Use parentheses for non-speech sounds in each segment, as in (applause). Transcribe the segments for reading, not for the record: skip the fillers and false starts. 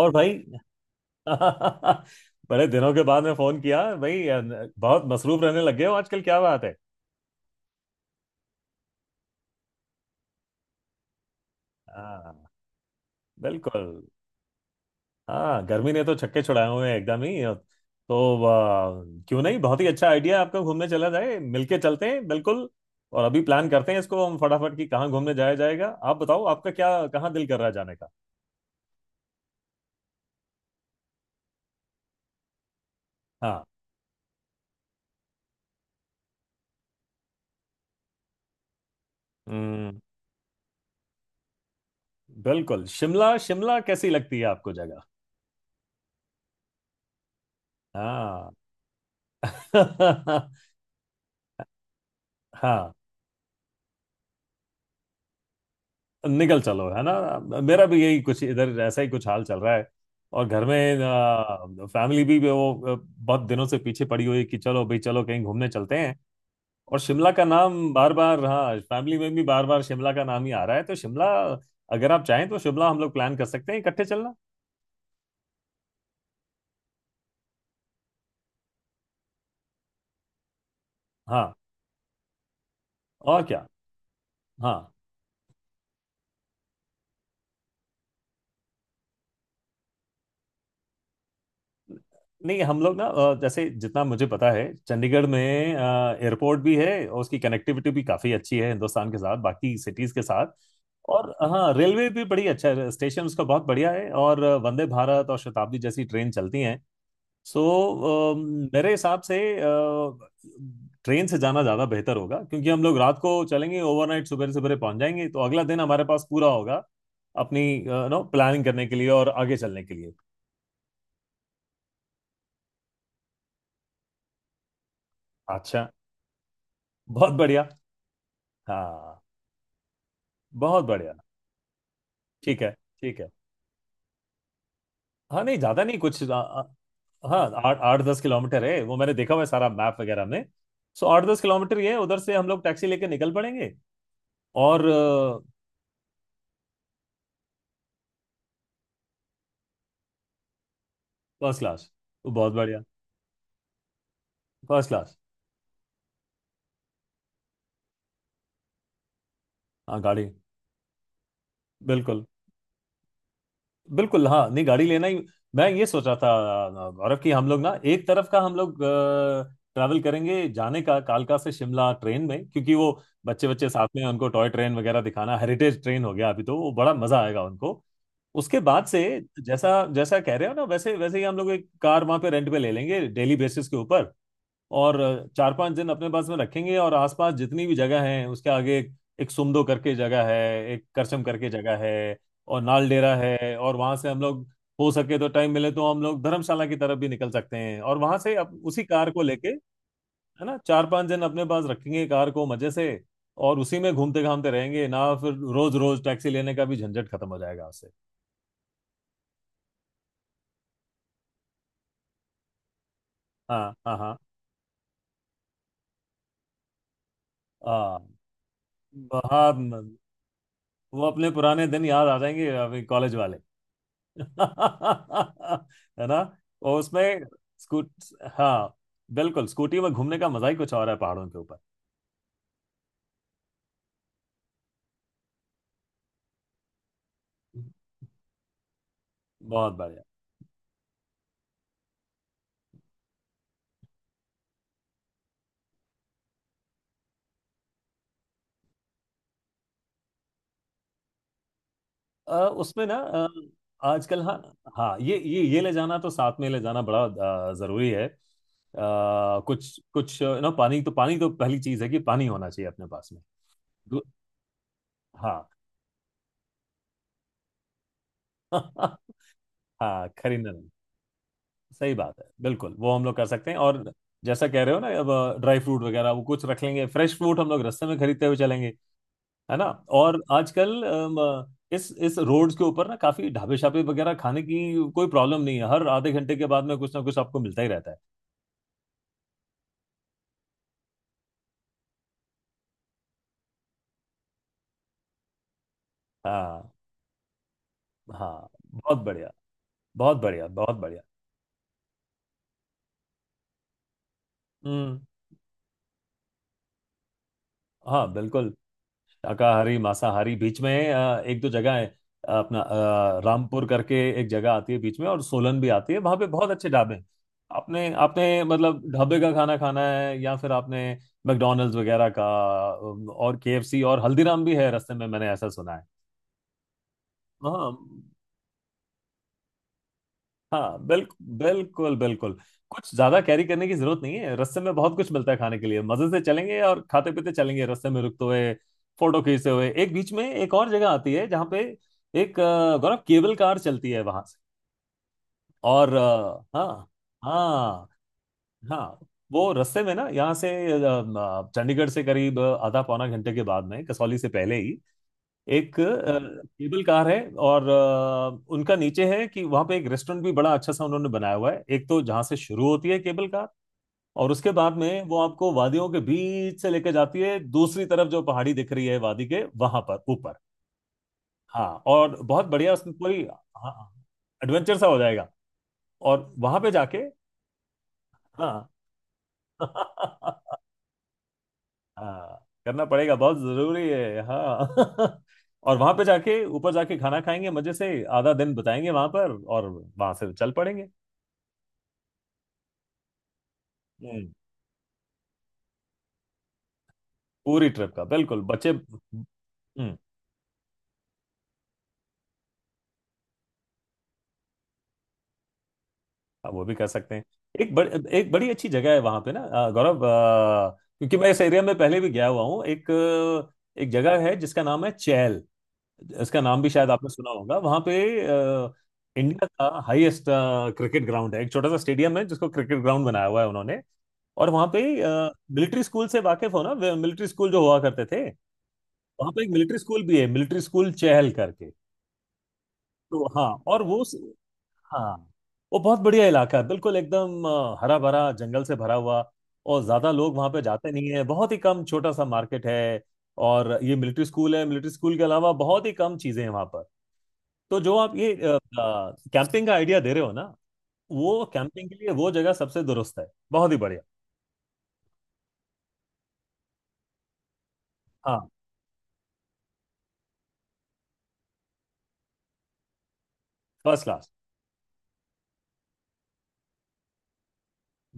और भाई (laughs) बड़े दिनों के बाद में फोन किया भाई बहुत मसरूफ रहने लग गए हो आजकल, क्या बात है? हाँ, बिल्कुल। हाँ, गर्मी ने तो छक्के छुड़ाए हुए हैं एकदम ही। तो वाह, क्यों नहीं, बहुत ही अच्छा आइडिया आपका। घूमने चला जाए, मिलके चलते हैं, बिल्कुल। और अभी प्लान करते हैं इसको हम फटाफट कि कहाँ घूमने जाया जाएगा। आप बताओ, आपका क्या, कहाँ दिल कर रहा है जाने का? हाँ। हम्म। बिल्कुल। शिमला, शिमला कैसी लगती है आपको जगह? हाँ। (laughs) हाँ, निकल चलो, है ना, मेरा भी यही कुछ इधर ऐसा ही कुछ हाल चल रहा है। और घर में फैमिली भी वो बहुत दिनों से पीछे पड़ी हुई है कि चलो भाई, चलो कहीं घूमने चलते हैं। और शिमला का नाम बार बार, हाँ फैमिली में भी बार बार शिमला का नाम ही आ रहा है, तो शिमला, अगर आप चाहें तो शिमला हम लोग प्लान कर सकते हैं इकट्ठे चलना। हाँ। और क्या। हाँ, नहीं हम लोग ना जैसे जितना मुझे पता है, चंडीगढ़ में एयरपोर्ट भी है और उसकी कनेक्टिविटी भी काफ़ी अच्छी है हिंदुस्तान के साथ, बाकी सिटीज़ के साथ। और हाँ रेलवे भी बड़ी अच्छा है, स्टेशन उसका बहुत बढ़िया है और वंदे भारत और शताब्दी जैसी ट्रेन चलती हैं। सो मेरे हिसाब से ट्रेन से जाना ज़्यादा बेहतर होगा, क्योंकि हम लोग रात को चलेंगे ओवरनाइट, सुबह सवेरे पहुंच जाएंगे, तो अगला दिन हमारे पास पूरा होगा अपनी नो प्लानिंग करने के लिए और आगे चलने के लिए। अच्छा। बहुत बढ़िया। हाँ, बहुत बढ़िया। ठीक है, ठीक है। हाँ नहीं, ज्यादा नहीं कुछ। हाँ, आठ आठ दस किलोमीटर है, वो मैंने देखा हुआ है सारा मैप वगैरह में। सो आठ दस किलोमीटर ये है, उधर से हम लोग टैक्सी लेके निकल पड़ेंगे। और फर्स्ट क्लास। बहुत बढ़िया। First class. हाँ, गाड़ी, बिल्कुल, बिल्कुल। हाँ नहीं, गाड़ी लेना ही, मैं ये सोच रहा था, गौरव, कि हम लोग ना एक तरफ का हम लोग ट्रैवल करेंगे जाने का, कालका से शिमला ट्रेन में, क्योंकि वो बच्चे, बच्चे साथ में, उनको टॉय ट्रेन वगैरह दिखाना, हेरिटेज ट्रेन हो गया अभी तो, वो बड़ा मजा आएगा उनको। उसके बाद से जैसा जैसा कह रहे हो ना, वैसे वैसे ही हम लोग एक कार वहां पे रेंट पे ले लेंगे डेली बेसिस के ऊपर और चार पांच दिन अपने पास में रखेंगे और आसपास जितनी भी जगह है उसके आगे, एक सुमदो करके जगह है, एक करसम करके जगह है और नाल डेरा है, और वहां से हम लोग हो सके तो, टाइम मिले तो हम लोग धर्मशाला की तरफ भी निकल सकते हैं और वहां से उसी कार को लेके, है ना, चार पांच दिन अपने पास रखेंगे कार को, मजे से। और उसी में घूमते घामते रहेंगे ना, फिर रोज रोज टैक्सी लेने का भी झंझट खत्म हो जाएगा उससे। हाँ हाँ हाँ हाँ हाँ। वो अपने पुराने दिन याद आ जाएंगे अभी, कॉलेज वाले। (laughs) है ना। और उसमें स्कूट हाँ, बिल्कुल स्कूटी में घूमने का मजा ही कुछ और है पहाड़ों के ऊपर। बहुत बढ़िया। उसमें ना, आजकल, हाँ हाँ, ये ले जाना तो साथ में ले जाना बड़ा जरूरी है। कुछ कुछ ना, पानी तो पहली चीज है कि पानी होना चाहिए अपने पास में। दू- हाँ। (laughs) हाँ, खरीदना, सही बात है, बिल्कुल वो हम लोग कर सकते हैं। और जैसा कह रहे हो ना, अब ड्राई फ्रूट वगैरह वो कुछ रख लेंगे, फ्रेश फ्रूट हम लोग रास्ते में खरीदते हुए चलेंगे, है ना। और आजकल इस रोड्स के ऊपर ना काफी ढाबे शाबे वगैरह, खाने की कोई प्रॉब्लम नहीं है, हर आधे घंटे के बाद में कुछ ना कुछ आपको मिलता ही रहता है। हाँ हाँ। बहुत बढ़िया। बहुत बढ़िया, बहुत बढ़िया। हम्म। हाँ, बिल्कुल, शाकाहारी मांसाहारी बीच में, एक दो जगह है, अपना रामपुर करके एक जगह आती है बीच में और सोलन भी आती है, वहां पे बहुत अच्छे ढाबे हैं। आपने आपने मतलब ढाबे का खाना खाना है या फिर आपने मैकडोनल्ड्स वगैरह का? और केएफसी और हल्दीराम भी है रास्ते में, मैंने ऐसा सुना है। हाँ हाँ, बिल्कुल, बिल्कुल, बिल्कुल। कुछ ज्यादा कैरी करने की जरूरत नहीं है, रास्ते में बहुत कुछ मिलता है खाने के लिए, मजे से चलेंगे और खाते पीते चलेंगे रास्ते में रुकते हुए, फोटो खींचते हुए। एक बीच में एक और जगह आती है जहाँ पे एक गौरव केबल कार चलती है वहां से। और हाँ। हाँ हाँ, वो रास्ते में ना, यहाँ से चंडीगढ़ से करीब आधा पौना घंटे के बाद में, कसौली से पहले ही एक केबल कार है। और उनका नीचे है कि वहां पे एक रेस्टोरेंट भी बड़ा अच्छा सा उन्होंने बनाया हुआ है एक, तो जहां से शुरू होती है केबल कार, और उसके बाद में वो आपको वादियों के बीच से लेकर जाती है दूसरी तरफ, जो पहाड़ी दिख रही है वादी के वहां पर ऊपर। हाँ और बहुत बढ़िया उसमें पूरी, हाँ हाँ, एडवेंचर सा हो जाएगा। और वहां पे जाके, हाँ। (laughs) हाँ, करना पड़ेगा, बहुत जरूरी है, हाँ। (laughs) और वहां पे जाके, ऊपर जाके खाना खाएंगे मजे से, आधा दिन बताएंगे वहां पर और वहां से चल पड़ेंगे। हम्म। पूरी ट्रिप का, बिल्कुल, बच्चे। हम्म। हाँ, वो भी कर सकते हैं। एक बड़, एक बड़ी अच्छी जगह है वहां पे ना, गौरव, क्योंकि मैं इस एरिया में पहले भी गया हुआ हूँ एक जगह है जिसका नाम है चैल। इसका नाम भी शायद आपने सुना होगा। वहां पे अ, इंडिया का हाईएस्ट क्रिकेट ग्राउंड है, एक छोटा सा स्टेडियम है जिसको क्रिकेट ग्राउंड बनाया हुआ है उन्होंने। और वहां पे मिलिट्री स्कूल से वाकिफ हो ना, मिलिट्री स्कूल जो हुआ करते थे, वहां पे एक मिलिट्री स्कूल भी है, मिलिट्री स्कूल चहल करके। तो हाँ और वो, हाँ वो बहुत बढ़िया इलाका है, बिल्कुल एकदम हरा भरा, जंगल से भरा हुआ। और ज्यादा लोग वहां पे जाते नहीं है, बहुत ही कम, छोटा सा मार्केट है और ये मिलिट्री स्कूल है, मिलिट्री स्कूल के अलावा बहुत ही कम चीजें हैं वहां पर। तो जो आप ये कैंपिंग का आइडिया दे रहे हो ना, वो कैंपिंग के लिए वो जगह सबसे दुरुस्त है, बहुत ही बढ़िया। हाँ, फर्स्ट क्लास।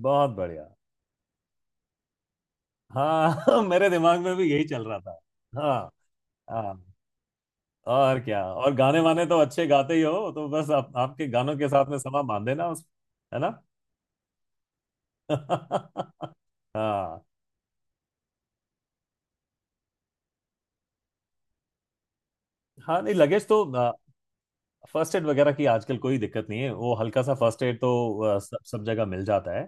बहुत बढ़िया। हाँ। (laughs) मेरे दिमाग में भी यही चल रहा था। हाँ। हाँ और क्या, और गाने वाने तो अच्छे गाते ही हो, तो बस आपके गानों के साथ में समा बांध देना उस, है ना। (laughs) हाँ। हाँ नहीं, लगेज तो, फर्स्ट एड वगैरह की आजकल कोई दिक्कत नहीं है, वो हल्का सा फर्स्ट एड तो सब सब जगह मिल जाता है।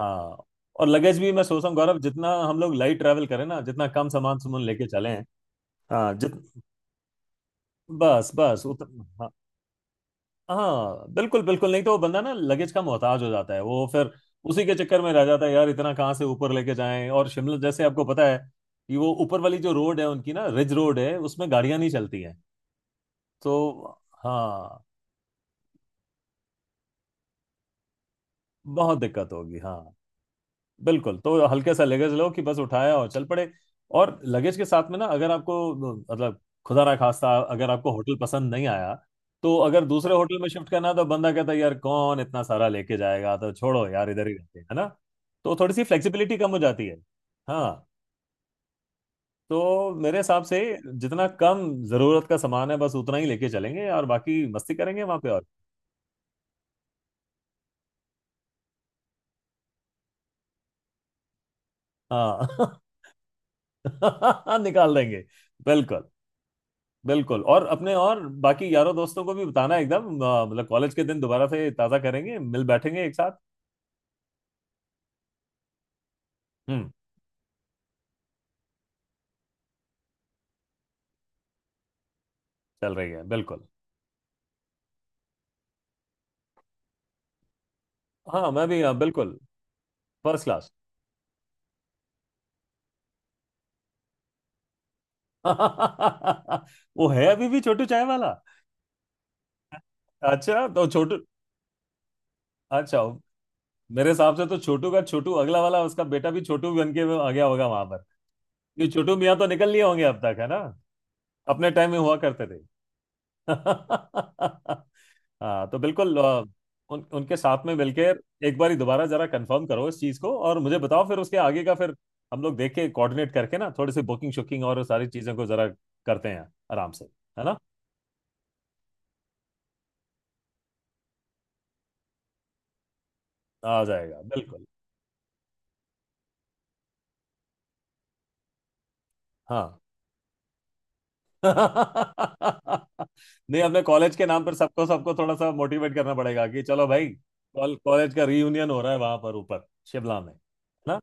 हाँ और लगेज भी मैं सोचता हूँ गौरव, जितना हम लोग लाइट ट्रैवल करें ना, जितना कम सामान सुमन लेके चले हैं। हाँ जित बस बस हाँ, हाँ बिल्कुल, बिल्कुल, नहीं तो वो बंदा ना लगेज का मोहताज हो जाता है वो फिर, उसी के चक्कर में रह जाता है यार, इतना कहाँ से ऊपर लेके जाएं? और शिमला जैसे आपको पता है कि वो ऊपर वाली जो रोड है उनकी ना, रिज रोड है, उसमें गाड़ियां नहीं चलती हैं। तो हाँ, बहुत दिक्कत होगी। हाँ, बिल्कुल, तो हल्के सा लगेज लो कि बस उठाया और चल पड़े। और लगेज के साथ में ना, अगर आपको मतलब, खुदा ना खास्ता अगर आपको होटल पसंद नहीं आया, तो अगर दूसरे होटल में शिफ्ट करना है, तो बंदा कहता है यार कौन इतना सारा लेके जाएगा, तो छोड़ो यार इधर ही रहते हैं, है ना, तो थोड़ी सी फ्लेक्सिबिलिटी कम हो जाती है। हाँ, तो मेरे हिसाब से जितना कम जरूरत का सामान है बस उतना ही लेके चलेंगे और बाकी मस्ती करेंगे वहां पे। और हाँ। (laughs) निकाल देंगे, बिल्कुल, बिल्कुल। और अपने और बाकी यारों दोस्तों को भी बताना एकदम, मतलब कॉलेज के दिन दोबारा से ताज़ा करेंगे, मिल बैठेंगे एक साथ। हम्म। चल रही है, बिल्कुल। हाँ, मैं भी, हाँ, बिल्कुल। First class. (laughs) वो है अभी भी छोटू चाय वाला? अच्छा, तो छोटू, अच्छा। मेरे हिसाब से तो छोटू का, छोटू अगला वाला उसका बेटा भी छोटू बन के आ गया होगा वहां, ये छोटू मियां तो निकल लिए होंगे अब तक, है ना, अपने टाइम में हुआ करते थे। (laughs) हाँ तो बिल्कुल, उनके साथ में मिलके एक बार ही दोबारा जरा कंफर्म करो इस चीज को और मुझे बताओ, फिर उसके आगे का फिर हम लोग देख के कोऑर्डिनेट करके ना थोड़ी सी बुकिंग शुकिंग और सारी चीजों को जरा करते हैं आराम से, है ना। आ जाएगा बिल्कुल। हाँ। (laughs) नहीं अपने कॉलेज के नाम पर सबको सबको थोड़ा सा मोटिवेट करना पड़ेगा कि चलो भाई, कॉलेज का रीयूनियन हो रहा है वहां पर ऊपर, शिमला में, है ना।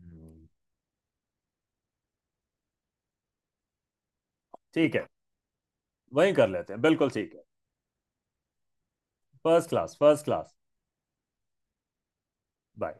हम्म। ठीक है, वहीं कर लेते हैं, बिल्कुल ठीक है। First class, first class. Bye.